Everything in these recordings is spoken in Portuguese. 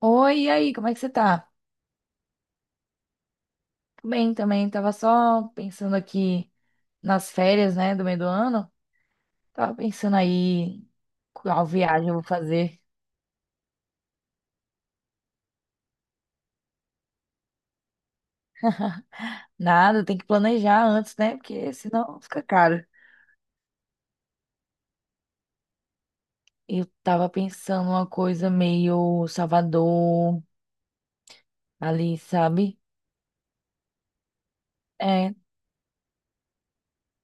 Oi, e aí, como é que você tá? Tô bem, também, tava só pensando aqui nas férias, né, do meio do ano. Tava pensando aí qual viagem eu vou fazer. Nada, tem que planejar antes, né, porque senão fica caro. Eu tava pensando uma coisa meio Salvador, ali, sabe? É,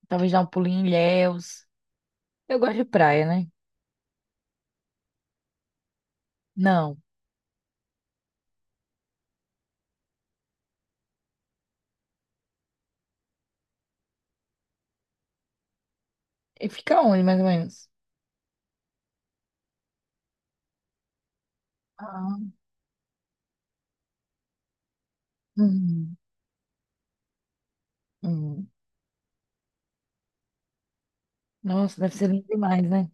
talvez dar um pulinho em Ilhéus. Eu gosto de praia, né? Não. E fica onde, mais ou menos? Ah, hum, hum. Nossa, deve ser lindo demais, né?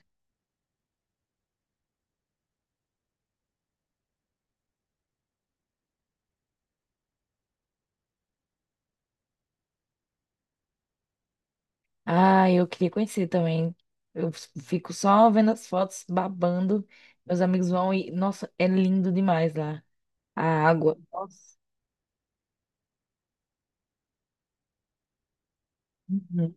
Ah, eu queria conhecer também. Eu fico só vendo as fotos, babando. Meus amigos vão e, nossa, é lindo demais lá. A água. Nossa. Uhum.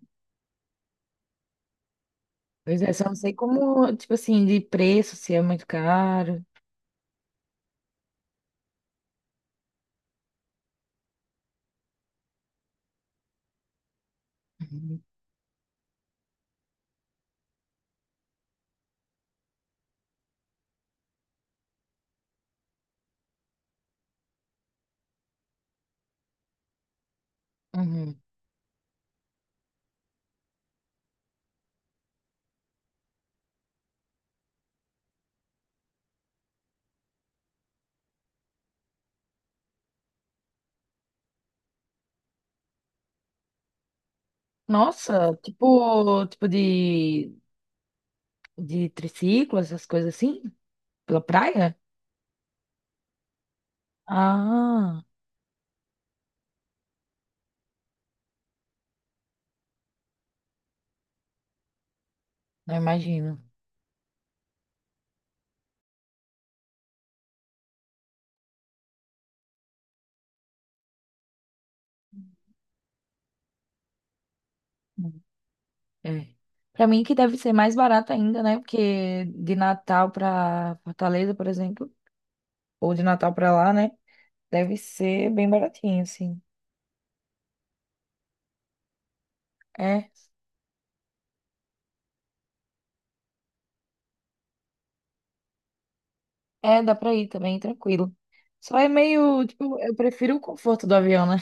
Pois é, só não sei como, tipo assim, de preço, se é muito caro. Uhum. Uhum. Nossa, tipo de triciclo, essas coisas assim, pela praia? Ah, não imagino. Uhum. É. Pra mim que deve ser mais barato ainda, né? Porque de Natal pra Fortaleza, por exemplo, ou de Natal pra lá, né? Deve ser bem baratinho, assim. É, é, dá pra ir também, tranquilo. Só é meio, tipo, eu prefiro o conforto do avião, né?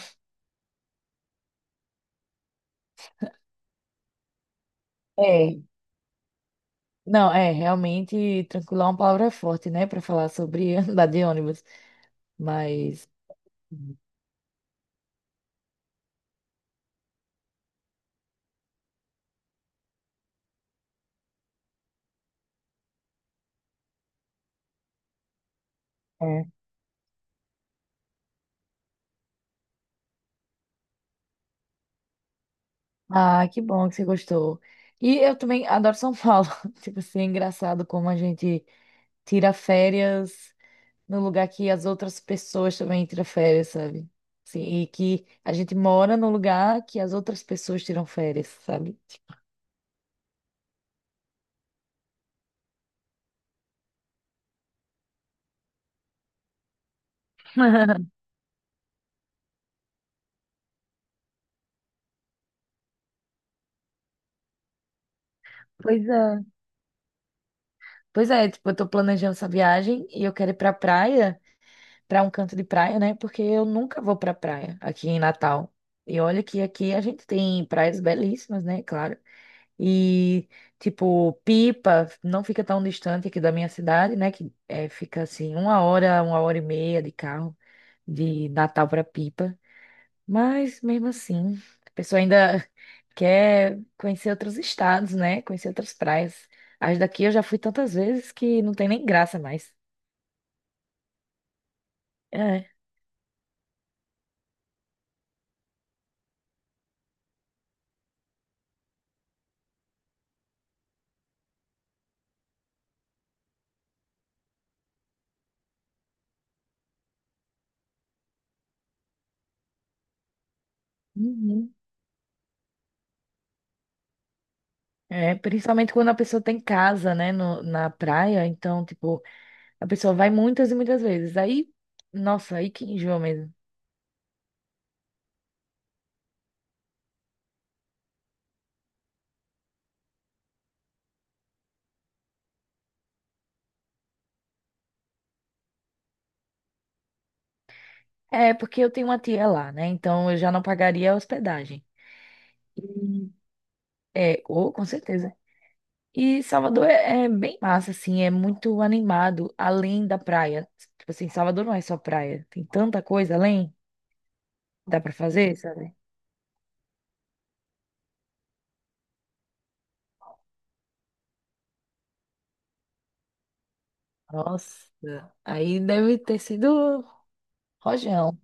É, não, é, realmente, tranquilo é uma palavra forte, né, pra falar sobre andar de ônibus, mas... É. Ah, que bom que você gostou. E eu também adoro São Paulo. Tipo assim, é engraçado como a gente tira férias no lugar que as outras pessoas também tiram férias, sabe? Sim, e que a gente mora no lugar que as outras pessoas tiram férias, sabe? Pois é. Pois é, tipo, eu tô planejando essa viagem e eu quero ir pra praia, pra um canto de praia, né? Porque eu nunca vou pra praia aqui em Natal. E olha que aqui a gente tem praias belíssimas, né? Claro. E, tipo, Pipa não fica tão distante aqui da minha cidade, né? Que é, fica assim, uma hora e meia de carro de Natal para Pipa. Mas mesmo assim, a pessoa ainda quer conhecer outros estados, né? Conhecer outras praias. As daqui eu já fui tantas vezes que não tem nem graça mais. É. Uhum. É, principalmente quando a pessoa tem casa, né, na praia, então, tipo, a pessoa vai muitas e muitas vezes. Aí, nossa, aí que enjoa mesmo. É, porque eu tenho uma tia lá, né? Então eu já não pagaria a hospedagem. E- É, ou com certeza. E Salvador é bem massa, assim, é muito animado, além da praia. Tipo assim, Salvador não é só praia, tem tanta coisa além, dá pra fazer, sabe? Nossa, aí deve ter sido rojão,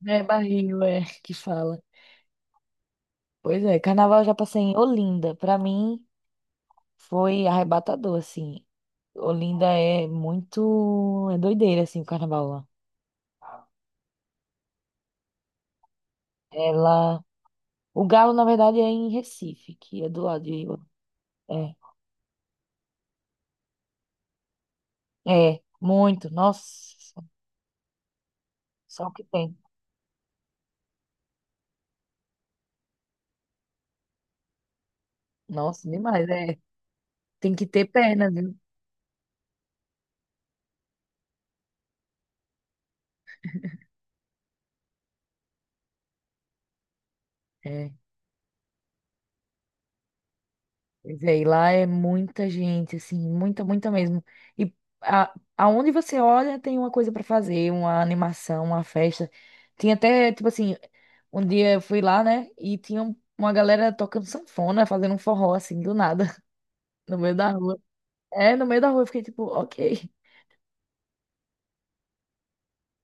né? Barril, é, que fala. Pois é, carnaval eu já passei em Olinda. Pra mim foi arrebatador, assim. Olinda é muito. É doideira, assim, o carnaval lá. Ela. O Galo, na verdade, é em Recife, que é do lado de. É, é, muito. Nossa, só o que tem. Nossa, demais. É, tem que ter perna, viu? É. Pois é, e lá é muita gente, assim, muita, muita mesmo. E aonde você olha, tem uma coisa pra fazer, uma animação, uma festa. Tinha até, tipo assim, um dia eu fui lá, né? E tinha uma galera tocando sanfona, fazendo um forró, assim, do nada, no meio da rua. É, no meio da rua, eu fiquei tipo, ok.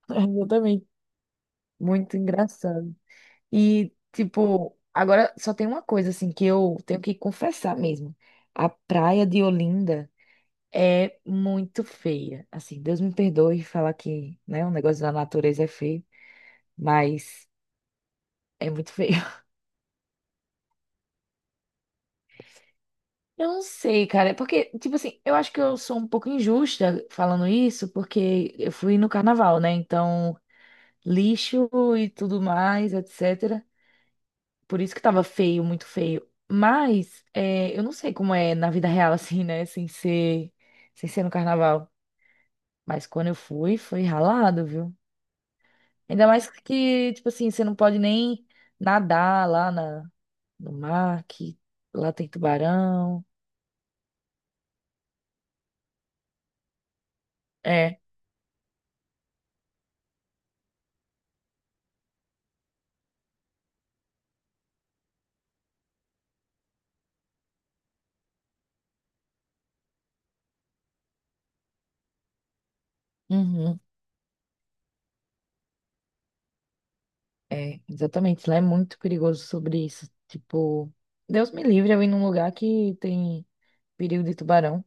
Eu também. Muito engraçado. E, tipo, agora só tem uma coisa, assim, que eu tenho que confessar mesmo. A praia de Olinda é muito feia. Assim, Deus me perdoe falar que, né, um negócio da natureza é feio, mas é muito feio. Eu não sei, cara. É porque, tipo assim, eu acho que eu sou um pouco injusta falando isso, porque eu fui no carnaval, né? Então, lixo e tudo mais, etc. Por isso que tava feio, muito feio. Mas é, eu não sei como é na vida real, assim, né? Sem ser no carnaval. Mas quando eu fui, foi ralado, viu? Ainda mais que, tipo assim, você não pode nem nadar lá no mar, que lá tem tubarão. É, uhum, é, exatamente. Lá é muito perigoso sobre isso. Tipo, Deus me livre eu ir num lugar que tem perigo de tubarão.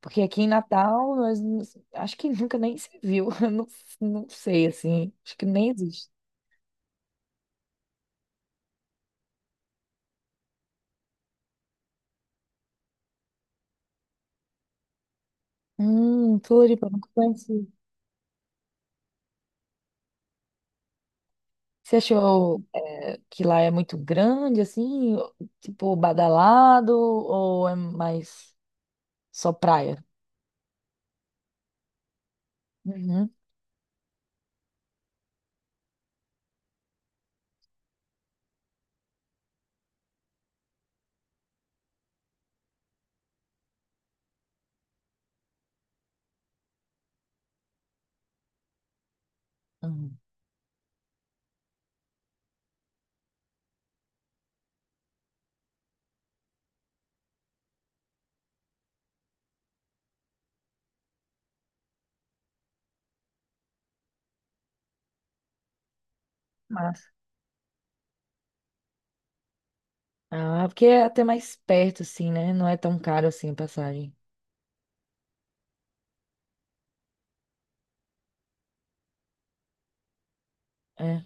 Porque aqui em Natal, acho que nunca nem se viu. Eu não, não sei, assim. Acho que nem existe. Floripa, nunca conheci. Você achou que lá é muito grande, assim? Tipo, badalado? Ou é mais só praia? Uhum. Uhum. Massa. Ah, porque é até mais perto, assim, né? Não é tão caro assim a passagem. É.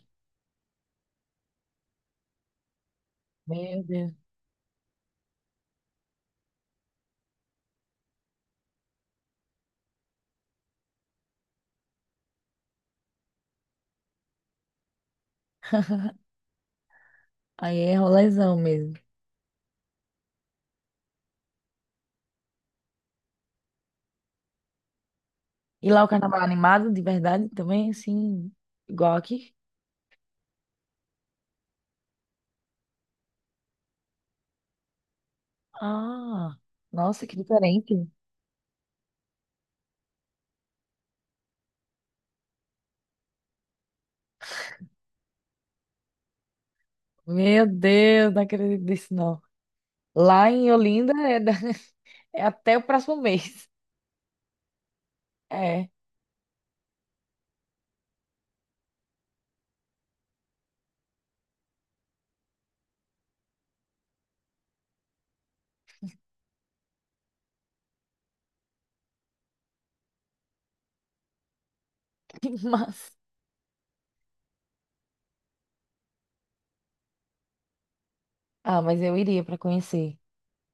Meu Deus. Aí é rolezão mesmo. E lá o carnaval é animado, de verdade, também, assim, igual aqui? Ah, nossa, que diferente. Meu Deus, não acredito nisso, não. Lá em Olinda é, é até o próximo mês. É, mas... Ah, mas eu iria para conhecer.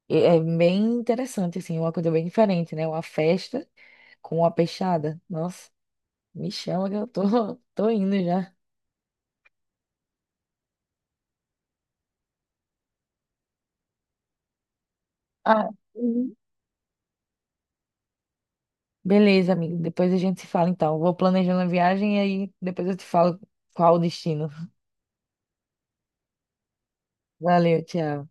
E é bem interessante, assim, uma coisa bem diferente, né? Uma festa com uma peixada. Nossa, me chama que eu tô, tô indo já. Ah, uhum, beleza, amigo. Depois a gente se fala, então. Vou planejando a viagem e aí depois eu te falo qual o destino. Valeu, tchau.